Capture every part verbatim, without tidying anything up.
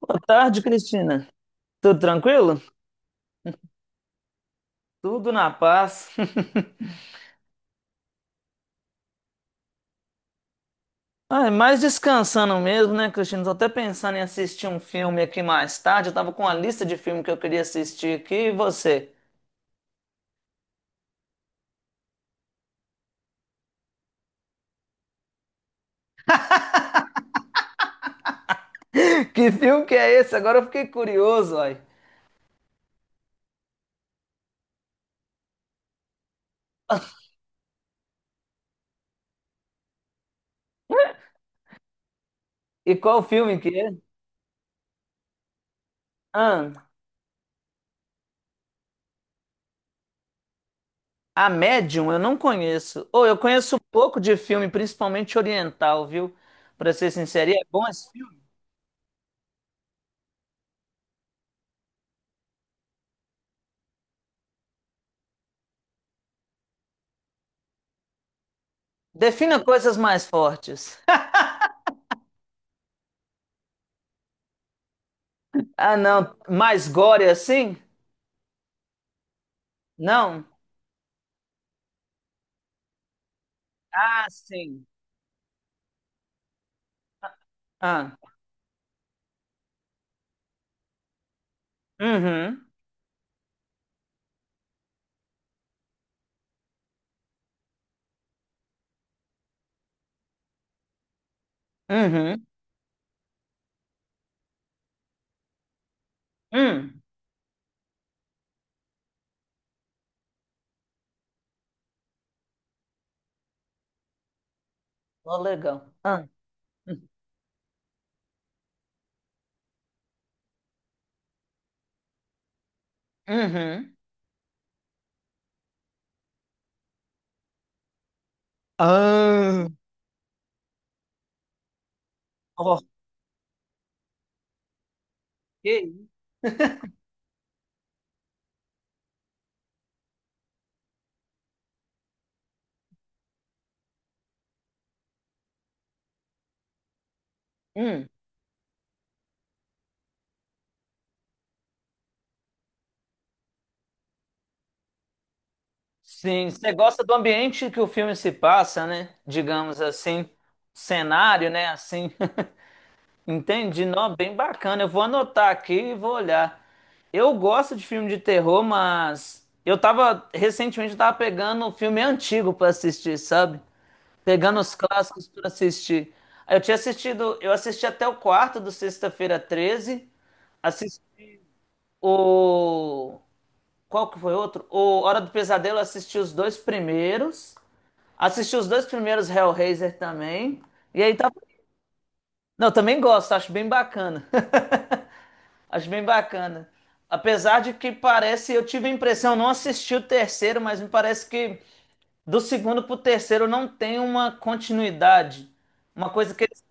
Boa tarde, Cristina. Tudo tranquilo? Tudo na paz. Ah, mais descansando mesmo, né, Cristina? Tô até pensando em assistir um filme aqui mais tarde. Eu tava com uma lista de filmes que eu queria assistir aqui. E você? Que filme que é esse? Agora eu fiquei curioso, uai. E qual filme que é? Ah, A Medium eu não conheço. Ou eu conheço um pouco de filme, principalmente oriental, viu? Pra ser sincero, e é bom esse filme? Defina coisas mais fortes. Ah, não. Mais gore assim? Não? Ah, sim. Ah. Uhum. Uhum. Hum. Ô, legal. Ah. Uhum. Ah. Ok. Hum. Sim, você gosta do ambiente que o filme se passa, né? Digamos assim, cenário, né? Assim, entendi. Não, bem bacana. Eu vou anotar aqui e vou olhar. Eu gosto de filme de terror, mas eu tava recentemente eu tava pegando um filme antigo pra assistir, sabe? Pegando os clássicos para assistir. Aí Eu tinha assistido, eu assisti até o quarto do Sexta-feira treze. Assisti o. Qual que foi outro? O Hora do Pesadelo, eu assisti os dois primeiros. Assisti os dois primeiros Hellraiser também. E aí tá. Não, também gosto, acho bem bacana. Acho bem bacana. Apesar de que parece, eu tive a impressão, eu não assisti o terceiro, mas me parece que do segundo pro terceiro não tem uma continuidade. Uma coisa que eles.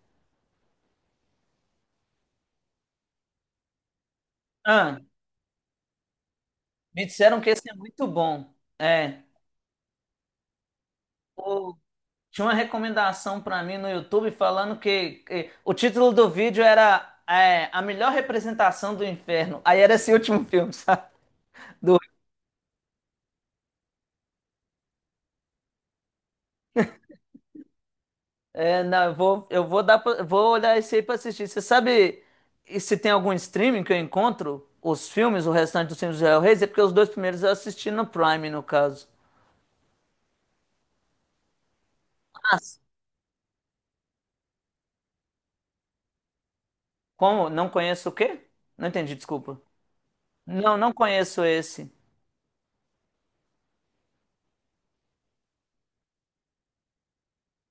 Ah. Me disseram que esse é muito bom. É. O- Tinha uma recomendação pra mim no YouTube falando que, que o título do vídeo era é, A Melhor Representação do Inferno. Aí era esse último filme, sabe? Do, é, não, eu vou, eu vou dar, pra- vou olhar esse aí pra assistir. Você sabe e se tem algum streaming que eu encontro os filmes, o restante dos filmes do Hellraiser? Porque os dois primeiros eu assisti no Prime, no caso. Mas, como? Não conheço o quê? Não entendi, desculpa. Não, não conheço esse.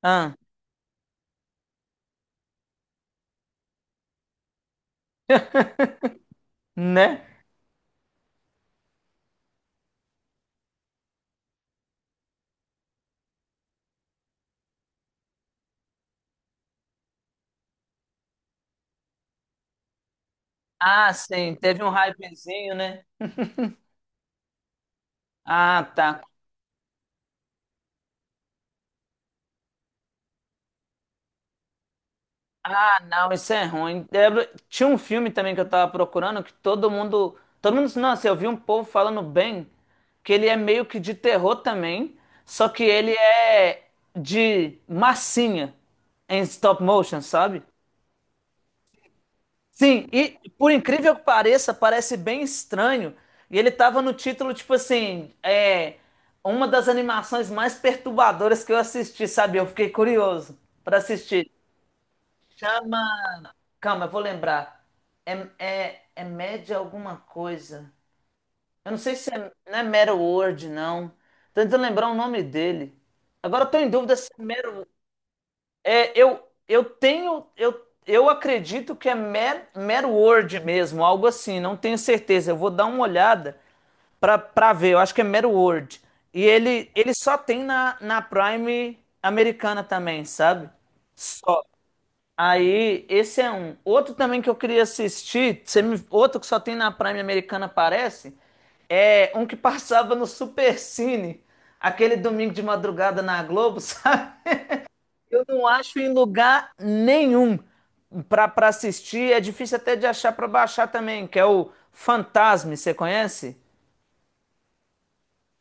Ah. Né? Ah, sim, teve um hypezinho, né? Ah, tá. Ah, não, isso é ruim. Eu lembro- tinha um filme também que eu tava procurando que todo mundo. Todo mundo. Nossa, eu vi um povo falando bem que ele é meio que de terror também, só que ele é de massinha em stop motion, sabe? Sim, e por incrível que pareça, parece bem estranho. E ele tava no título, tipo assim, é uma das animações mais perturbadoras que eu assisti, sabe? Eu fiquei curioso para assistir. Chama. Calma, eu vou lembrar. É, é, é média alguma coisa. Eu não sei se é, não é Mero Word, não. Tô tentando lembrar o nome dele. Agora eu tô em dúvida se é Mero. É, eu, eu tenho, eu, eu acredito que é Mad, Mad word mesmo, algo assim, não tenho certeza. Eu vou dar uma olhada para para ver, eu acho que é Mad word. E ele, ele só tem na, na, Prime americana também, sabe? Só. Aí, esse é um. Outro também que eu queria assistir, você me- outro que só tem na Prime americana, parece, é um que passava no Supercine, aquele domingo de madrugada na Globo, sabe? Eu não acho em lugar nenhum para para assistir. É difícil até de achar para baixar também, que é o Fantasme, você conhece?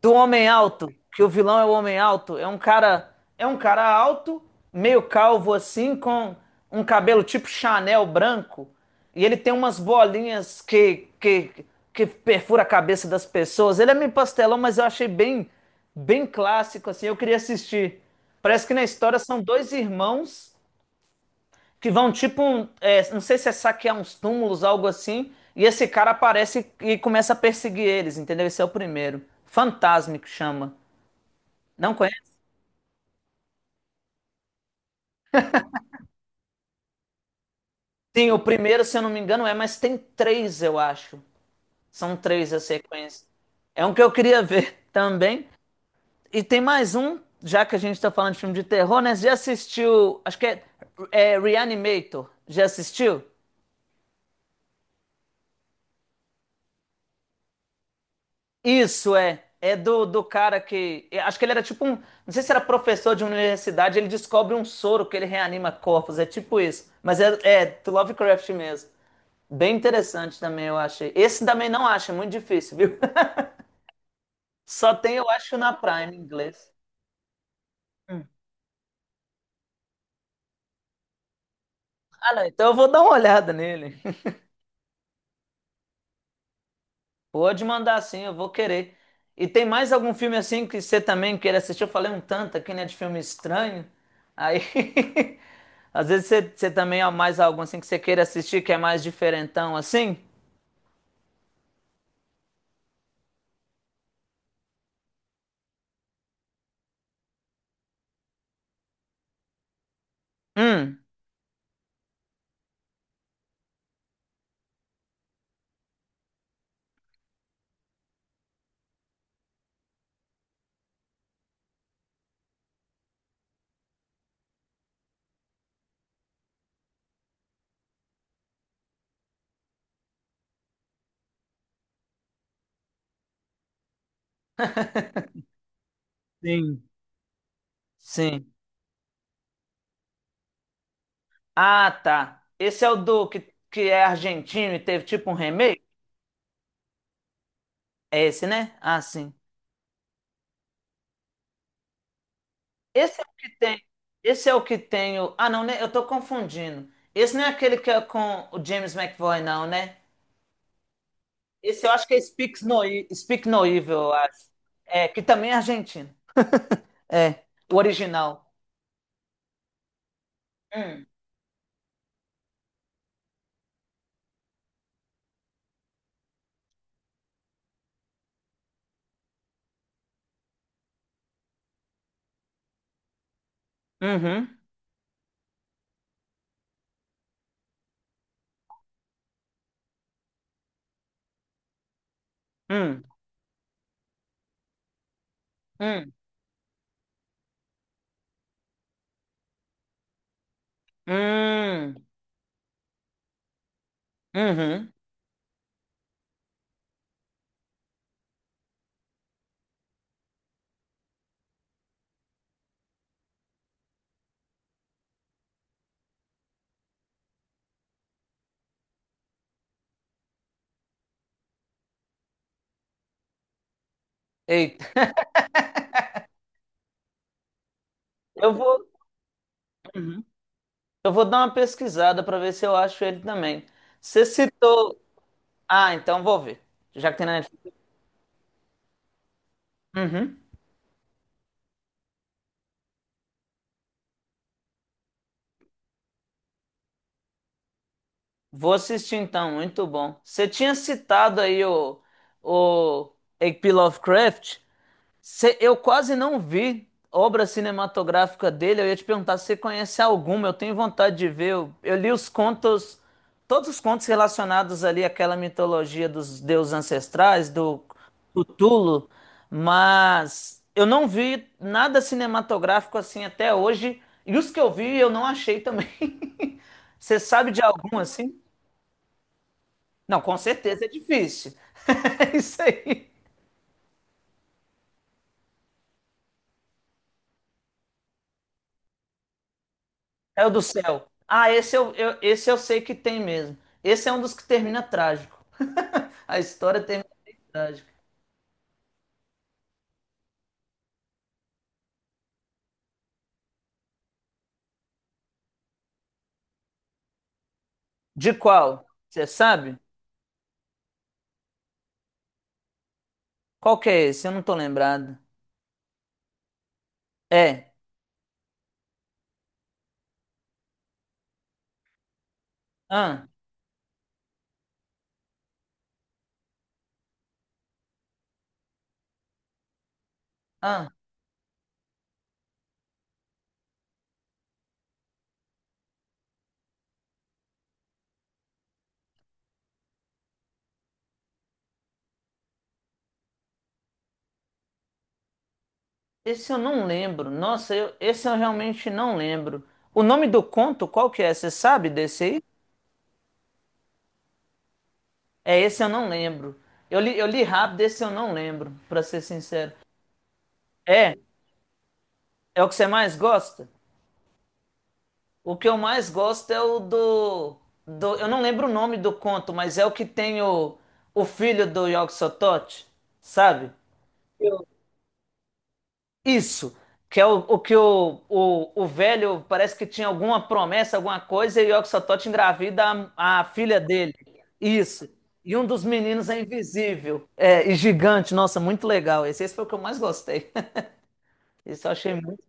Do Homem Alto, que o vilão é o Homem Alto. É um cara, é um cara alto, meio calvo assim, com um cabelo tipo Chanel branco, e ele tem umas bolinhas que que que perfura a cabeça das pessoas. Ele é meio pastelão, mas eu achei bem bem clássico assim. Eu queria assistir. Parece que na história são dois irmãos que vão tipo um, é, não sei se é saquear uns túmulos, algo assim, e esse cara aparece e começa a perseguir eles, entendeu? Esse é o primeiro. Fantasme que chama. Não conhece? Sim, o primeiro, se eu não me engano, é, mas tem três, eu acho. São três a sequência. É um que eu queria ver também. E tem mais um, já que a gente tá falando de filme de terror, né? Você já assistiu, acho que é, é Reanimator. Já assistiu? Isso é. É do, do cara que. é, Acho que ele era tipo um. Não sei se era professor de universidade, ele descobre um soro que ele reanima corpos. É tipo isso. Mas é, é do Lovecraft mesmo. Bem interessante também, eu achei. Esse também não acho, é muito difícil, viu? Só tem, eu acho, na Prime em inglês. Hum. Ah, não, então eu vou dar uma olhada nele. Pode mandar sim, eu vou querer. E tem mais algum filme assim que você também queira assistir? Eu falei um tanto aqui, né, de filme estranho. Aí, às vezes você, você também há mais algum assim que você queira assistir que é mais diferentão assim? Hum, Sim. Sim. Ah, tá. Esse é o do que, que, é argentino e teve tipo um remake? É esse, né? Ah, sim. Esse é o que tem. Esse é o que tem o... Ah, não, né? Eu tô confundindo. Esse não é aquele que é com o James McAvoy, não, né? Esse eu acho que é Speak No, E- Speak No Evil, eu acho. É, que também é argentino. É, o original. Hum. Uhum. Hum. Hum. Hum. Uhum. Eita. Eu vou, Uhum. eu vou dar uma pesquisada para ver se eu acho ele também. Você citou. Ah, então vou ver. Já que tem na Netflix. Uhum. Vou assistir então, muito bom. Você tinha citado aí o, o H P. Lovecraft. Cê- eu quase não vi obra cinematográfica dele. Eu ia te perguntar se você conhece alguma. Eu tenho vontade de ver. Eu, eu li os contos, todos os contos relacionados ali àquela mitologia dos deuses ancestrais, do Cthulhu, mas eu não vi nada cinematográfico assim até hoje. E os que eu vi, eu não achei também. Você sabe de algum assim? Não, com certeza é difícil. É isso aí. É o do céu. Ah, esse eu, eu- esse eu sei que tem mesmo. Esse é um dos que termina trágico. A história termina bem trágica. De qual? Você sabe? Qual que é esse? Eu não tô lembrado. É. Ah, ah. Esse eu não lembro. Nossa, eu- esse eu realmente não lembro. O nome do conto, qual que é? Você sabe desse aí? É, esse eu não lembro. Eu li, eu li rápido, esse eu não lembro, pra ser sincero. É? É o que você mais gosta? O que eu mais gosto é o do, do. Eu não lembro o nome do conto, mas é o que tem o, o filho do Yogg-Sothoth, sabe? Eu- Isso, que é o, o que o, o, o, velho parece que tinha alguma promessa, alguma coisa, e o Yogg-Sothoth engravida a, a filha dele. Isso. E um dos meninos é invisível. É, e gigante. Nossa, muito legal. Esse, esse foi o que eu mais gostei. Esse eu achei muito.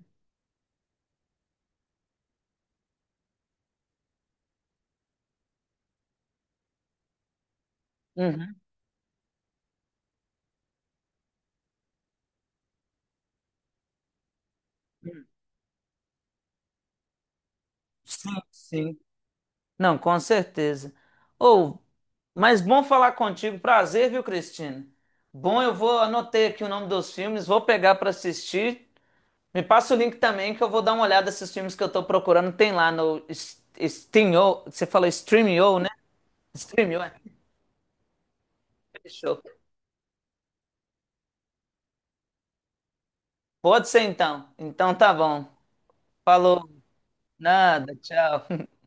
Uhum. Sim, sim. Não, com certeza. Ou, mas bom falar contigo. Prazer, viu, Cristina? Bom, eu vou anotei aqui o nome dos filmes, vou pegar para assistir. Me passa o link também que eu vou dar uma olhada nesses filmes que eu tô procurando. Tem lá no S- Steamio, você falou Streamio, né? Streamio, é. Fechou. Pode ser então. Então tá bom. Falou. Nada, tchau.